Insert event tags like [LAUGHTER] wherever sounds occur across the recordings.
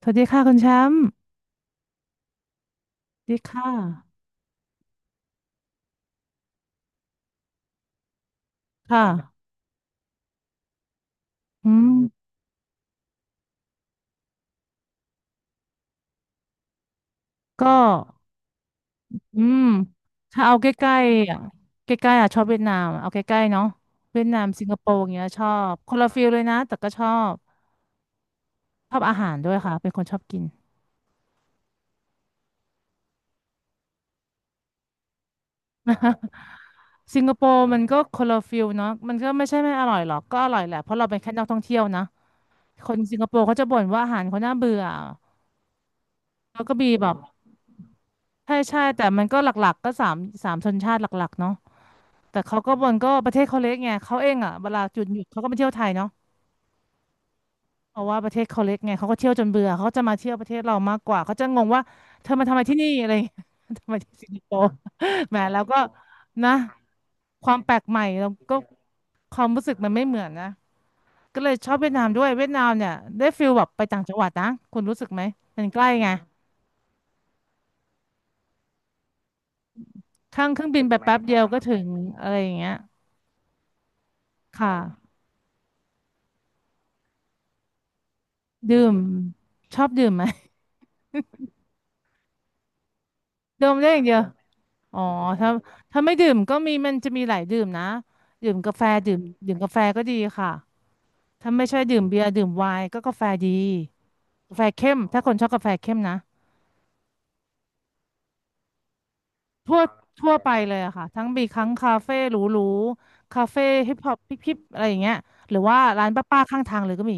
สวัสดีค่ะคุณแชมป์สวัสดีค่ะค่ะอืมก็อืมถ้าเอาใกล้ๆอ่ะใกล้ๆอ่ะชอบเวียดนามเอาใกล้ๆเนาะเวียดนามสิงคโปร์อย่างเงี้ยชอบคนละฟิลเลยนะแต่ก็ชอบชอบอาหารด้วยค่ะเป็นคนชอบกินสิงคโปร์มันก็คนละฟิลเนาะมันก็ไม่ใช่ไม่อร่อยหรอกก็อร่อยแหละเพราะเราเป็นแค่นักท่องเที่ยวนะคนสิงคโปร์เขาจะบ่นว่าอาหารเขาน่าเบื่อแล้วก็มีแบบใช่ใช่แต่มันก็หลักๆก็สามสามชนชาติหลักๆเนาะ แต่เขาก็มันก็ประเทศเขาเล็กไงเขาเองอ่ะเวลาหยุดเขาก็มาเที่ยวไทยเนาะเพราะว่าประเทศเขาเล็กไงเขาก็เที่ยวจนเบื่อเขาก็จะมาเที่ยวประเทศเรามากกว่าเขาจะงงว่าเธอมาทำไมที่นี่อะไรอย่างเงี้ย [LAUGHS] ทำไมที่สิงคโปร์ [LAUGHS] แหมแล้วก็นะความแปลกใหม่แล้วก็ความรู้สึกมันไม่เหมือนนะก็เลยชอบเวียดนามด้วยเวียดนามเนี่ยได้ฟิลแบบไปต่างจังหวัดนะคุณรู้สึกไหมมันใกล้ไงข้างเครื่องบินไปแป๊บเดียวก็ถึงอะไรอย่างเงี้ยค่ะดื่มชอบดื่มไหม [LAUGHS] ดื่มได้อย่างเดียว อ๋อถ้าถ้าไม่ดื่มก็มีมันจะมีหลายดื่มนะดื่มกาแฟดื่มดื่มกาแฟก็ดีค่ะถ้าไม่ใช่ดื่มเบียร์ดื่มไวน์ก็กาแฟดีกาแฟเข้มถ้าคนชอบกาแฟเข้มนะทั่วทั่วไปเลยอะค่ะทั้งมีทั้งคาเฟ่หรูๆคาเฟ่ฮิปฮอปพิบๆอะไรอย่างเงี้ยหรือว่าร้านป้าๆข้างทางเลยก็มี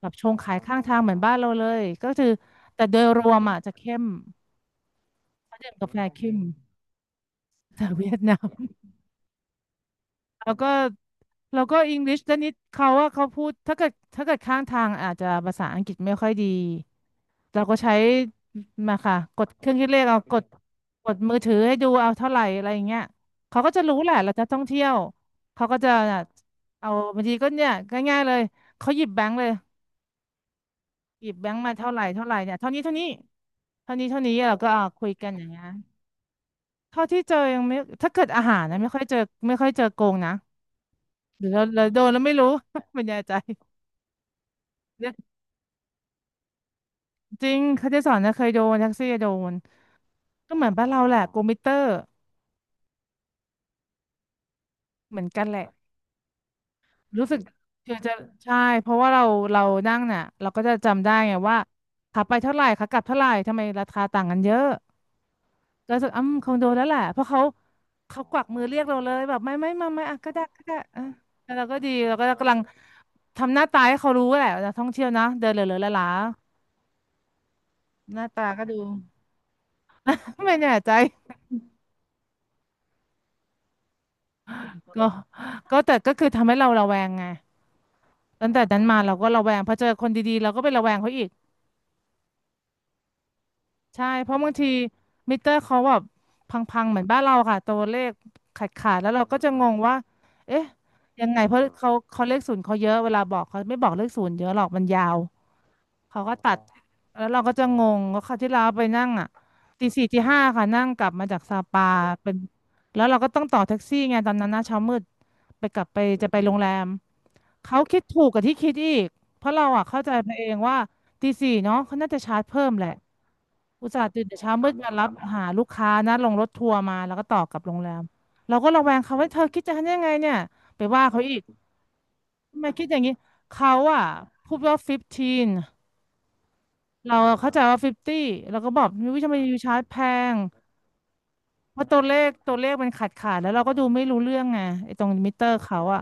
แบบชงขายข้างทางเหมือนบ้านเราเลยก็คือแต่โดยรวมอะจะเข้มเขาดื่มกาแฟเข้มจากเวียดนาม แล้วก็แล้วก็อังกฤษแต่นิดเขาว่าเขาพูดถ้าเกิดข้างทางอาจจะภาษาอังกฤษไม่ค่อยดีเราก็ใช้มาค่ะกดเครื่องคิดเลขเอากดกดมือถือให้ดูเอาเท่าไหร่อะไรอย่างเงี้ยเขาก็จะรู้แหละเราจะท่องเที่ยวเขาก็จะเอาบางทีก็เนี่ยง่ายๆเลยเขาหยิบแบงค์เลยหยิบแบงค์มาเท่าไหร่เท่าไหร่เนี่ยเท่านี้เท่านี้เราก็เอาคุยกันอย่างเงี้ยเท่าที่เจอยังไม่ถ้าเกิดอาหารนะไม่ค่อยเจอไม่ค่อยเจอโกงนะหรือเราโดนแล้วไม่รู้ [LAUGHS] ไม่แน่ใจ เนี่ยจริงเขาจะสอนนะเคยโดนแท็กซี่โดนก็เหมือนบ้านเราแหละโกมิเตอร์เหมือนกันแหละรู้สึกเธอจะใช่เพราะว่าเราเรานั่งน่ะเราก็จะจำได้ไงว่าขาไปเท่าไหร่ขากลับเท่าไหร่ทำไมราคาต่างกันเยอะก็รู้สึกอ้ำคงโดนแล้วแหละเพราะเขาเขากวักมือเรียกเราเลยแบบไม่ไม่มาไม่อ่ะก็ได้ก็ได้อ่ะแล้วเราก็ดีเราก็กำลังทำหน้าตาให้เขารู้แหละว่านักท่องเที่ยวนะเดินเหลือๆหลาๆหน้าตาก็ดู [LAUGHS] ไม่แน่ใจ ก็ก็แต่ก็คือทำให้เราระแวงไงตั้งแต่นั้นมาเราก็ระแวงพอเจอคนดีๆเราก็ไประแวงเขาอีกใช่เพราะบางทีมิเตอร์เขาแบบพังๆเหมือนบ้านเราค่ะตัวเลขขาดๆแล้วเราก็จะงงว่าเอ๊ะยังไงเพราะเขาเขาเลขศูนย์เขาเยอะเวลาบอกเขาไม่บอกเลขศูนย์เยอะหรอกมันยาว เขาก็ตัอ๋อตัดแล้วเราก็จะงงว่าคราวที่เราไปนั่งอ่ะตีสี่ตีห้าค่ะนั่งกลับมาจากซาปาเป็นแล้วเราก็ต้องต่อแท็กซี่ไงตอนนั้นนะเช้ามืดไปกลับไปจะไปโรงแรมเขาคิดถูกกับที่คิดอีกเพราะเราอ่ะเข้าใจไปเองว่าตีสี่เนาะเขาน่าจะชาร์จเพิ่มแหละอุตส่าห์ตื่นแต่เช้ามืดมารับหาลูกค้านะลงรถทัวร์มาแล้วก็ต่อกลับโรงแรมเราก็ระแวงเขาว่าเธอคิดจะทำยังไงเนี่ยไปว่าเขาอีกทำไมคิดอย่างนี้เขาอ่ะพูดว่า15 เราเข้าใจว่าฟิฟตี้เราก็บอกวิวทำไมยูชาร์จแพงเพราะตัวเลขมันขาดขาดแล้วเราก็ดูไม่รู้เรื่องไงไอ้ตรงมิเตอร์เขาอะ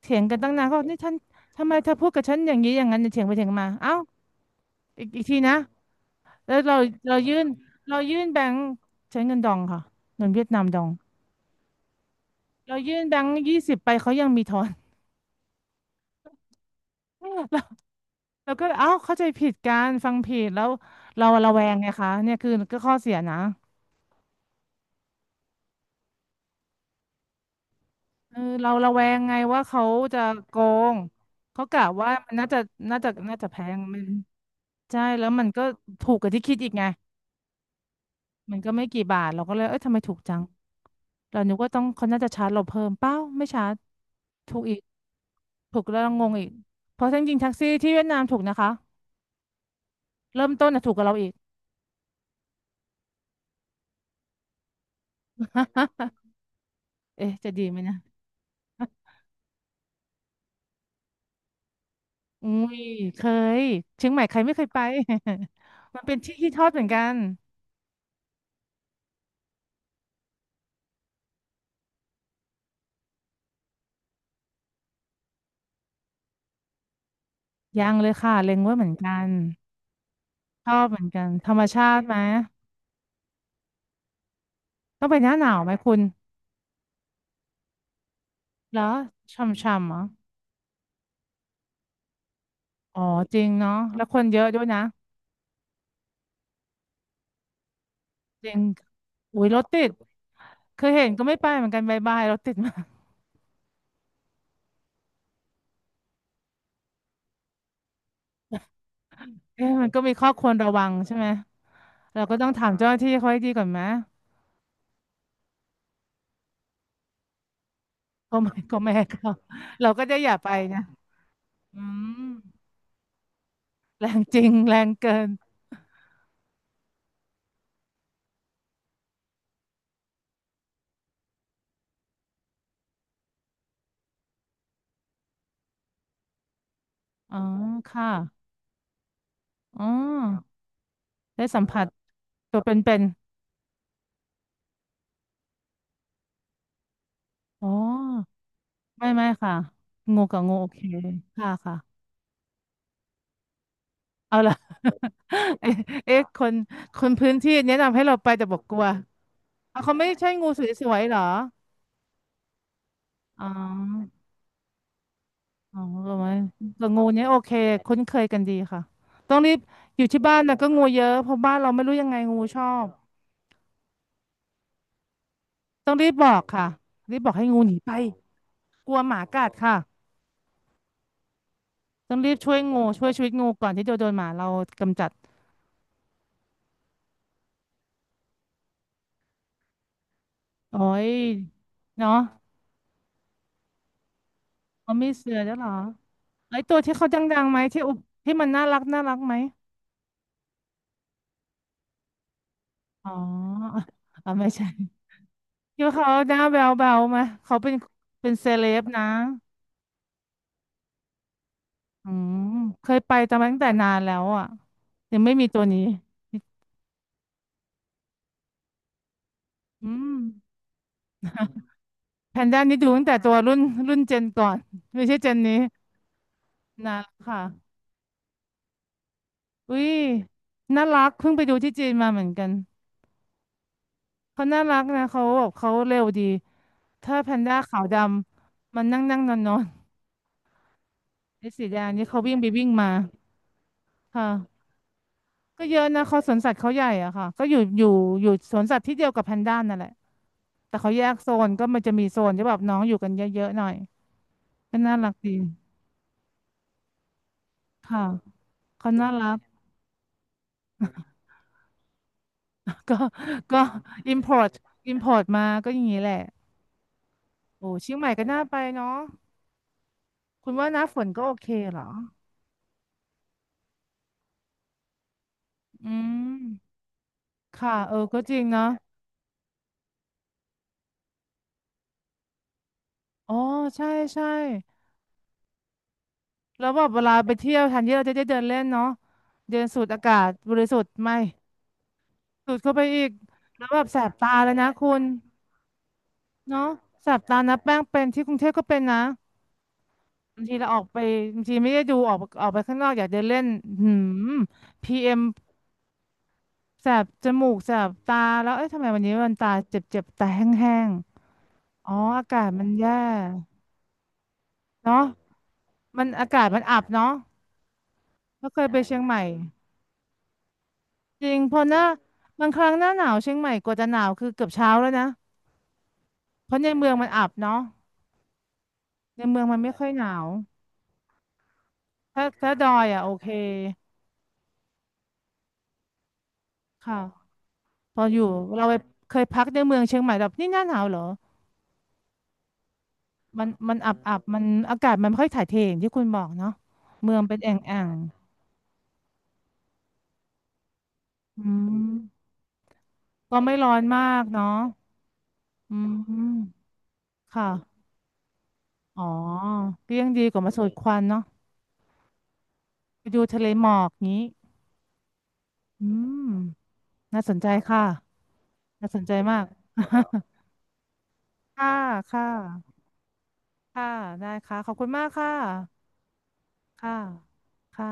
เถียงกันตั้งนานก็บอกนี่ท่านทำไมเธอพูดกับฉันอย่างนี้อย่างนั้นเถียงไปเถียงมาเอ้าอีกอีกทีนะแล้วเราเรายื่นเรายื่นแบงค์ใช้เงินดองค่ะเงินเวียดนามดองเรายื่นแบงค์20ไปเขายังมีทอน [LAUGHS] เราเราก็เอ้าเข้าใจผิดกันฟังผิดแล้วเราระแวงไงคะเนี่ยคือก็ข้อเสียนะ เออเราระแวงไงว่าเขาจะโกงเขากะว่ามันน่าจะน่าจะแพงมันใช่แล้วมันก็ถูกกว่าที่คิดอีกไงมันก็ไม่กี่บาทเราก็เลยเอ้ยทำไมถูกจังเรานึกว่าต้องเขาน่าจะชาร์จเราเพิ่มเปล่าไม่ชาร์จถูกอีกถูกแล้วเรางงอีกเพราะจริงๆแท็กซี่ที่เวียดนามถูกนะคะเริ่มต้นน่ะถูกกว่าเราอีก [LAUGHS] เอ๊ะจะดีไหมนะอุ้ยเคยเชียงใหม่ใครไม่เคยไป [LAUGHS] มันเป็นที่ที่ทอดเหมือนกันยังเลยค่ะเล็งไว้เหมือนกัน ชอบเหมือนกันธรรมชาติไหมต้องไปหน้าหนาวไหมคุณแล้วช่ำๆเหรออ๋อจริงเนาะแล้วคนเยอะด้วยนะจริงอุ้ยรถติดเคยเห็นก็ไม่ไปเหมือนกันบายบายรถติดมาก [LAUGHS] เอ๊ะมันก็มีข้อควรระวังใช่ไหมเราก็ต้องถามเจ้าหน้าที่เขาให้ดีก่อนไหมก็ไม่ให้เขา [LAUGHS] เราก็จะอย่าไปนะอืมแรงจริงแรงเกินอ๋อค่ะอ๋อได้สัมผัสตัวเป็นๆอ๋อไม่ไม่ค่ะงูกับงูโอเคค่ะค่ะ เอาล่ะ [LAUGHS] เอ๊ะเอ๊ะคนคนพื้นที่แนะนำให้เราไปแต่บอกกลัวเอาเขาไม่ใช่งูสวยๆเหรออ๋ออ๋อเหรอไหมแต่งูเนี้ยโอเคคุ้นเคยกันดีค่ะต้องรีบอยู่ที่บ้านนะก็งูเยอะเพราะบ้านเราไม่รู้ยังไงงูชอบต้องรีบบอกค่ะรีบบอกให้งูหนีไปกลัวหมากัดค่ะต้องรีบช่วยงูช่วยชีวิตงูก่อนที่จะโดนหมาเรากำจัดโอ้ยเนาะเขามีเสือแล้วยเหรอไอ้ตัวที่เขาดังๆไหมที่อุที่มันน่ารักน่ารักไหม อ๋อ [LAUGHS] อ๋อไม่ใช่ที่าเขาหน้าแบ๊วๆมาเขาเป็นเป็นเซเลบนะอืมเคยไปแต่ตั้งแต่นานแล้วอ่ะยังไม่มีตัวนี้อืมแพนด้านี่ดูตั้งแต่ตัวรุ่นรุ่นเจนก่อนไม่ใช่เจนนี้นานแล้วค่ะ อุ้ยน่ารักเพิ่งไปดูที่จีนมาเหมือนกันเขาน่ารักนะเขาแบบเขาเร็วดี ถ้าแพนด้าขาวดำมันนั่งนั่งนอนนอนไอ้สีแดงนี่เขาวิ่งไปวิ่งมาค่ะ ก็เยอะนะเขาสวนสัตว์เขาใหญ่อะค่ะก็อยู่อยู่อยู่สวนสัตว์ที่เดียวกับแพนด้านั่นแหละแต่เขาแยกโซนก็มันจะมีโซนที่แบบน้องอยู่กันเยอะๆหน่อยก็น่ารักดีค่ะเขาน่ารัก [LAUGHS] ก็ก็ import import มาก็อย่างนี้แหละโอ้เชียงใหม่ก็น่าไปเนาะคุณว่าหน้าฝนก็โอเคเหรออืมค่ะเออก็จริงเนาะอ๋อใช่ใช่แล้วแบบเวลาไปเที่ยวแทนที่เราจะได้เดินเล่นเนาะเดินสูดอากาศบริสุทธิ์ไม่ ดูดเข้าไปอีกแล้วแบบแสบตาเลยนะคุณเนาะแสบตานะแป้งเป็นที่กรุงเทพก็เป็นนะบางทีเราออกไปบางทีไม่ได้ดูออกออกไปข้างนอกอยากเดินเล่นหืมPMแสบจมูกแสบตาแล้วเอ๊ะทำไมวันนี้มันตาเจ็บเจ็บตาแห้งๆอ๋ออากาศมันแย่เนาะมันอากาศมันอับเนาะก็เคยไปเชียงใหม่จริงเพอหน้าบางครั้งหน้าหนาวเชียงใหม่กว่าจะหนาวคือเกือบเช้าแล้วนะเพราะในเมืองมันอับเนาะในเมืองมันไม่ค่อยหนาว ถ้าถ้าดอยอ่ะโอเคค่ะพออยู่เราไปเคยพักในเมืองเชียงใหม่แบบนี่หน้าหนาวเหรอมันมันอับอับมันอากาศมันไม่ค่อยถ่ายเทอย่างที่คุณบอกเนาะเมืองเป็นแอ่งแอ่งอืมก็ไม่ร้อนมากเนาะอืมค่ะอ๋อก็ยังดีกว่ามาสูดควันเนาะไปดูทะเลหมอกงี้อืมน่าสนใจค่ะน่าสนใจมาก [LAUGHS] ค่ะค่ะค่ะได้ค่ะขอบคุณมากค่ะค่ะค่ะ